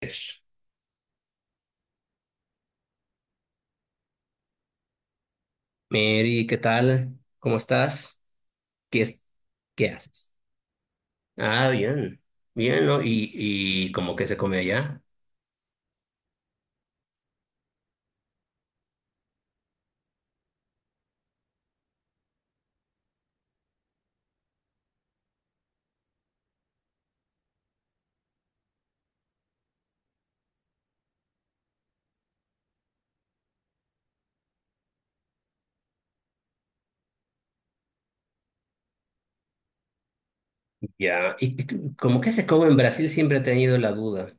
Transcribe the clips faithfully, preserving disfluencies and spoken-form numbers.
Ish. Mary, ¿qué tal? ¿Cómo estás? ¿Qué es- ¿Qué haces? Ah, bien, bien, ¿no? ¿Y, y cómo que se come allá? Ya, ¿y y cómo que se come en Brasil? Siempre he tenido la duda.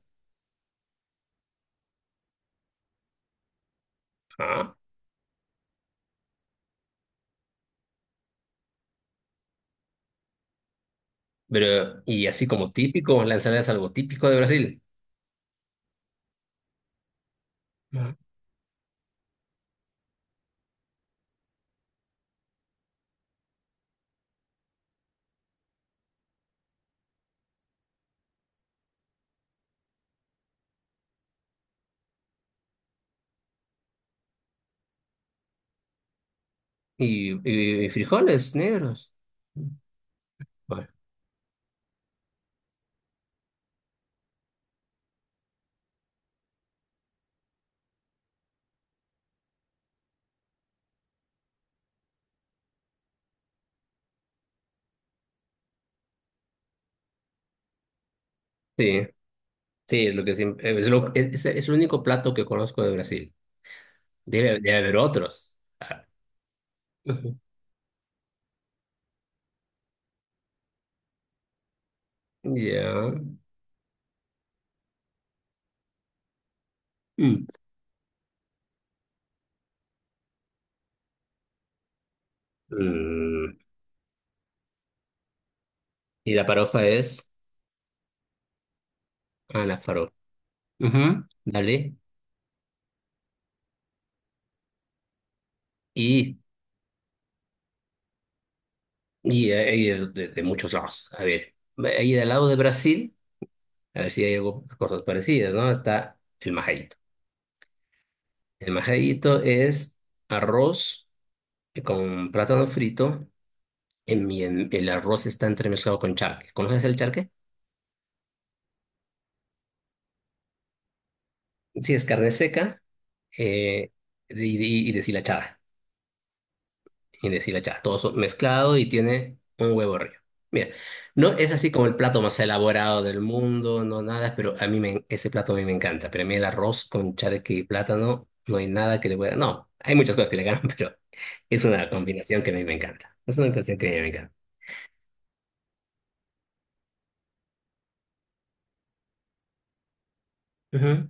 Ah, pero, ¿y así como típico? ¿La ensalada es algo típico de Brasil? Ah. ¿Y, y frijoles negros? Bueno, sí, sí, es lo que siempre, es lo, es, es- es el único plato que conozco de Brasil. Debe, debe haber otros. Ah, ujú. Ya. Mm. Mm. Y la farofa es. Ah, la farofa. Ujú, dale. Y, y hay de, de- de muchos lados. A ver, ahí del lado de Brasil, a ver si hay algo, cosas parecidas, ¿no? Está el majaíto. El majaíto es arroz con plátano frito. En, y en- el arroz está entremezclado con charque. ¿Conoces el charque? Sí, es carne seca eh, y, y, y deshilachada. Y decirle, ya, todo so- mezclado y tiene un huevo arriba. Mira, no es así como el plato más elaborado del mundo, no nada, pero a mí me- ese plato a mí me encanta. Pero a mí el arroz con charque y plátano, no hay nada que le pueda. No, hay muchas cosas que le ganan, pero es una combinación que a mí me encanta. Es una combinación que a mí me encanta. Ujú.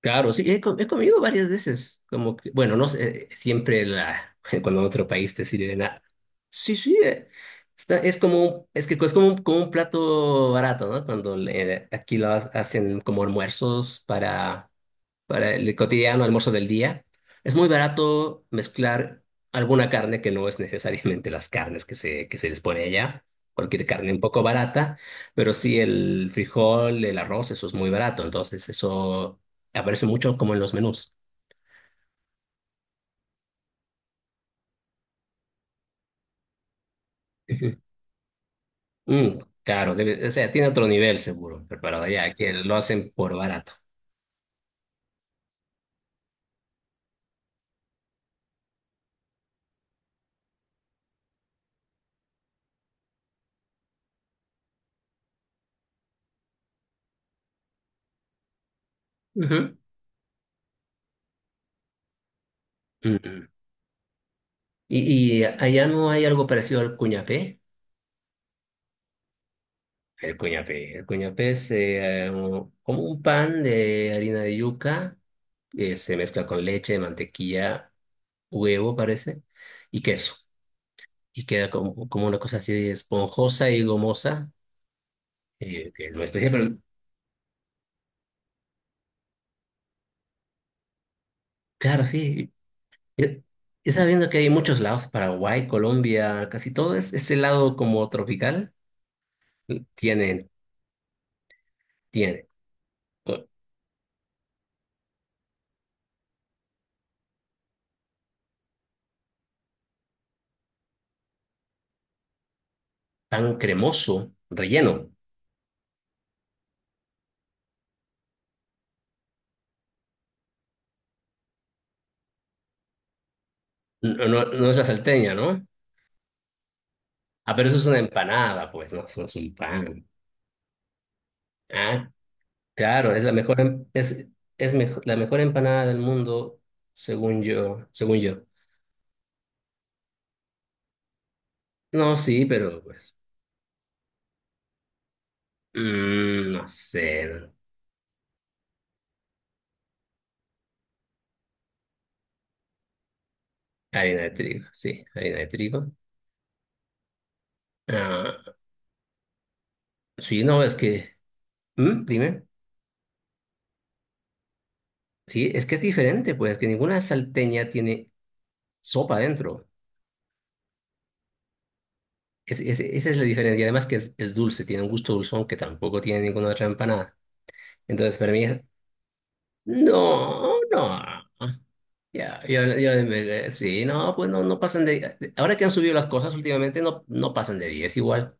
Claro, sí, he, co- he comido varias veces. Como que, bueno, no sé, siempre la, cuando en otro país te sirven nada. Sí, sí, eh, está, es como, un- es que es como un, como un plato barato, ¿no? Cuando le- aquí lo ha- hacen como almuerzos para, para el cotidiano almuerzo del día. Es muy barato mezclar alguna carne que no es necesariamente las carnes que se, que se les pone allá. Cualquier carne un poco barata, pero sí el frijol, el arroz, eso es muy barato. Entonces, eso aparece mucho como en los menús. Ujú. Mm, claro, debe- o sea, tiene otro nivel seguro preparado allá, que lo hacen por barato. Ujú. Mm, mm. ¿Y, y allá no hay algo parecido al cuñapé? El cuñapé. El cuñapé es eh, un- como un pan de harina de yuca que se mezcla con leche, mantequilla, huevo, parece, y queso. Y queda como, como una cosa así esponjosa y gomosa, eh, que es muy especial, pero claro, sí. eh, Y sabiendo que hay muchos lados, Paraguay, Colombia, casi todo es ese lado como tropical, tiene, tiene eh, pan cremoso, relleno. No, no, no es la salteña, ¿no? Ah, pero eso es una empanada, pues, no, eso no es un pan. Ah, claro, es la mejor, em- es, es mejo- la mejor empanada del mundo, según yo, según yo. No, sí, pero pues, mm, no sé, no. Harina de trigo, sí, harina de trigo. Ah, sí, no, es que. ¿Mm? Dime, sí, es que es diferente, pues, que ninguna salteña tiene sopa dentro. Es, es- esa es la diferencia, y además que es, es dulce, tiene un gusto dulzón que tampoco tiene ninguna otra empanada. Entonces, para mí. No, no. Ya, yo, yo, me- sí, no, pues no, no pasan de. Ahora que han subido las cosas últimamente, no, no pasan de diez igual.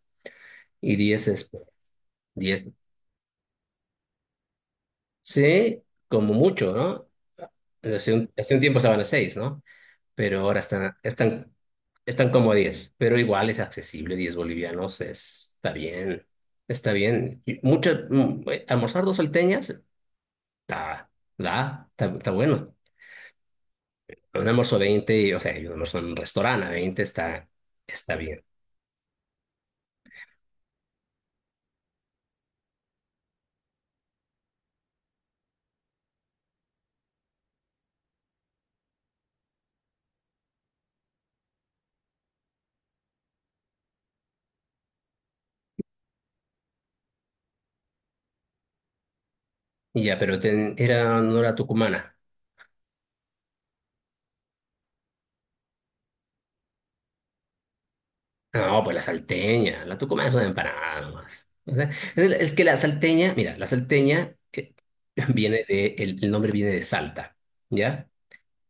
Y diez es diez. Sí, como mucho, ¿no? Hace un, hace un tiempo estaban a seis, ¿no? Pero ahora están, están, están como a diez, pero igual es accesible, diez bolivianos, es- está bien. Está bien. Y mucho, mm, eh, almorzar dos salteñas, está, da, está, está bueno. Un almuerzo veinte, o sea, y un almuerzo en un restaurante a veinte está, está bien. Y ya, pero ten- era, no era tucumana. No, pues la salteña. La tucumana es una empanada nomás. O sea, es, es que la salteña, mira, la salteña eh, viene de, el, el nombre viene de Salta, ¿ya?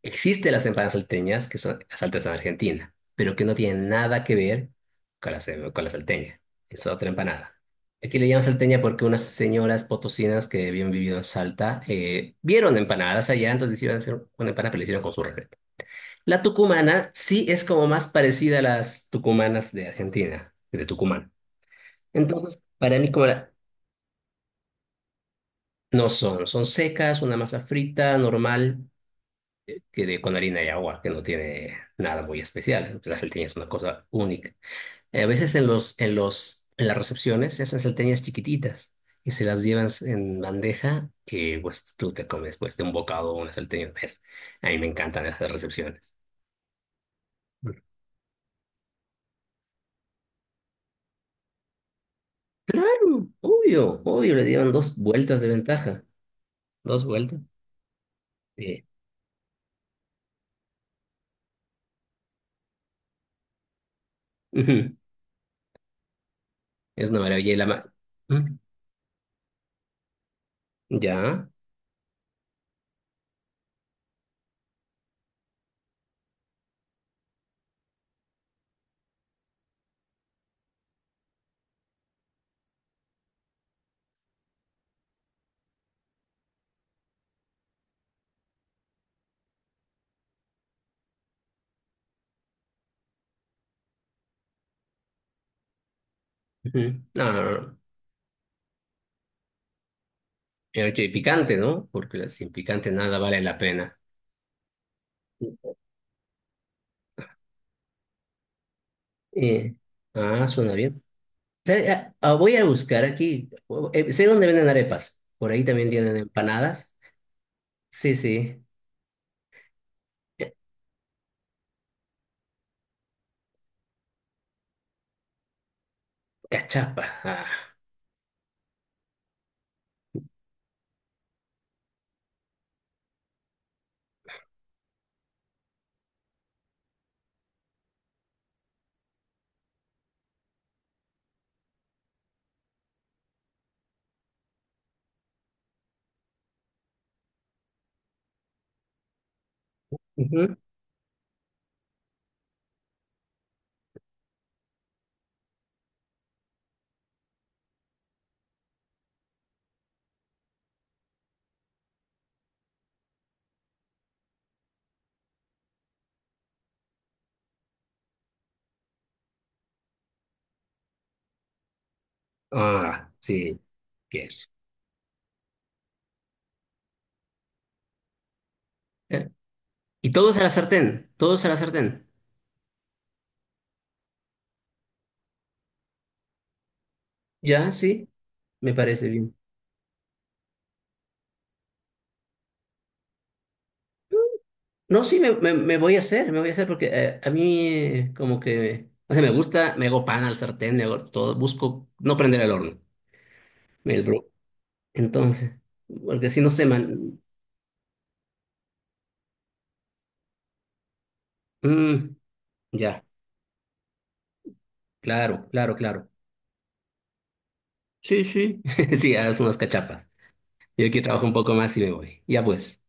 Existen las empanadas salteñas, que son las salteñas en Argentina, pero que no tienen nada que ver con la, con la salteña. Es otra empanada. Aquí le llaman salteña porque unas señoras potosinas que habían vivido en Salta eh, vieron empanadas allá, entonces decidieron hacer una empanada, pero la hicieron con su receta. La tucumana sí es como más parecida a las tucumanas de Argentina, de Tucumán. Entonces, para mí, como la-. No son, son secas, una masa frita, normal. Que de, con harina y agua, que no tiene nada muy especial. La salteña es una cosa única. Eh, A veces en los, en los, en las recepciones se hacen salteñas chiquititas y se las llevan en bandeja y pues tú te comes pues de un bocado una salteña. Pues, a mí me encantan esas recepciones. Claro, obvio, obvio, le dieron dos vueltas de ventaja. Dos vueltas. Sí. Ujú. Es una maravilla. Y la ma-. ¿Mm? Ya. Ujú. No, no, no. Pero picante, ¿no? Porque sin picante nada vale la pena. Eh, ah, suena bien. ¿Sabe? Ah, ah, voy a buscar aquí. Eh, sé dónde venden arepas. Por ahí también tienen empanadas. Sí, sí. Eh, Cachapa. Ah. Ujú. Ah, sí. ¿Qué es? Eh, Y todos a la sartén. Todos a la sartén. Ya, sí. Me parece bien. No, sí, me, me, me voy a hacer, me voy a hacer porque eh, a mí eh, como que, o sea, me gusta, me hago pan al sartén, me hago todo, busco no prender el horno, el bro. Entonces, porque si no se, man. Mm, ya, claro, claro, claro. Sí, sí, sí, haz unas cachapas. Yo aquí trabajo un poco más y me voy. Ya pues.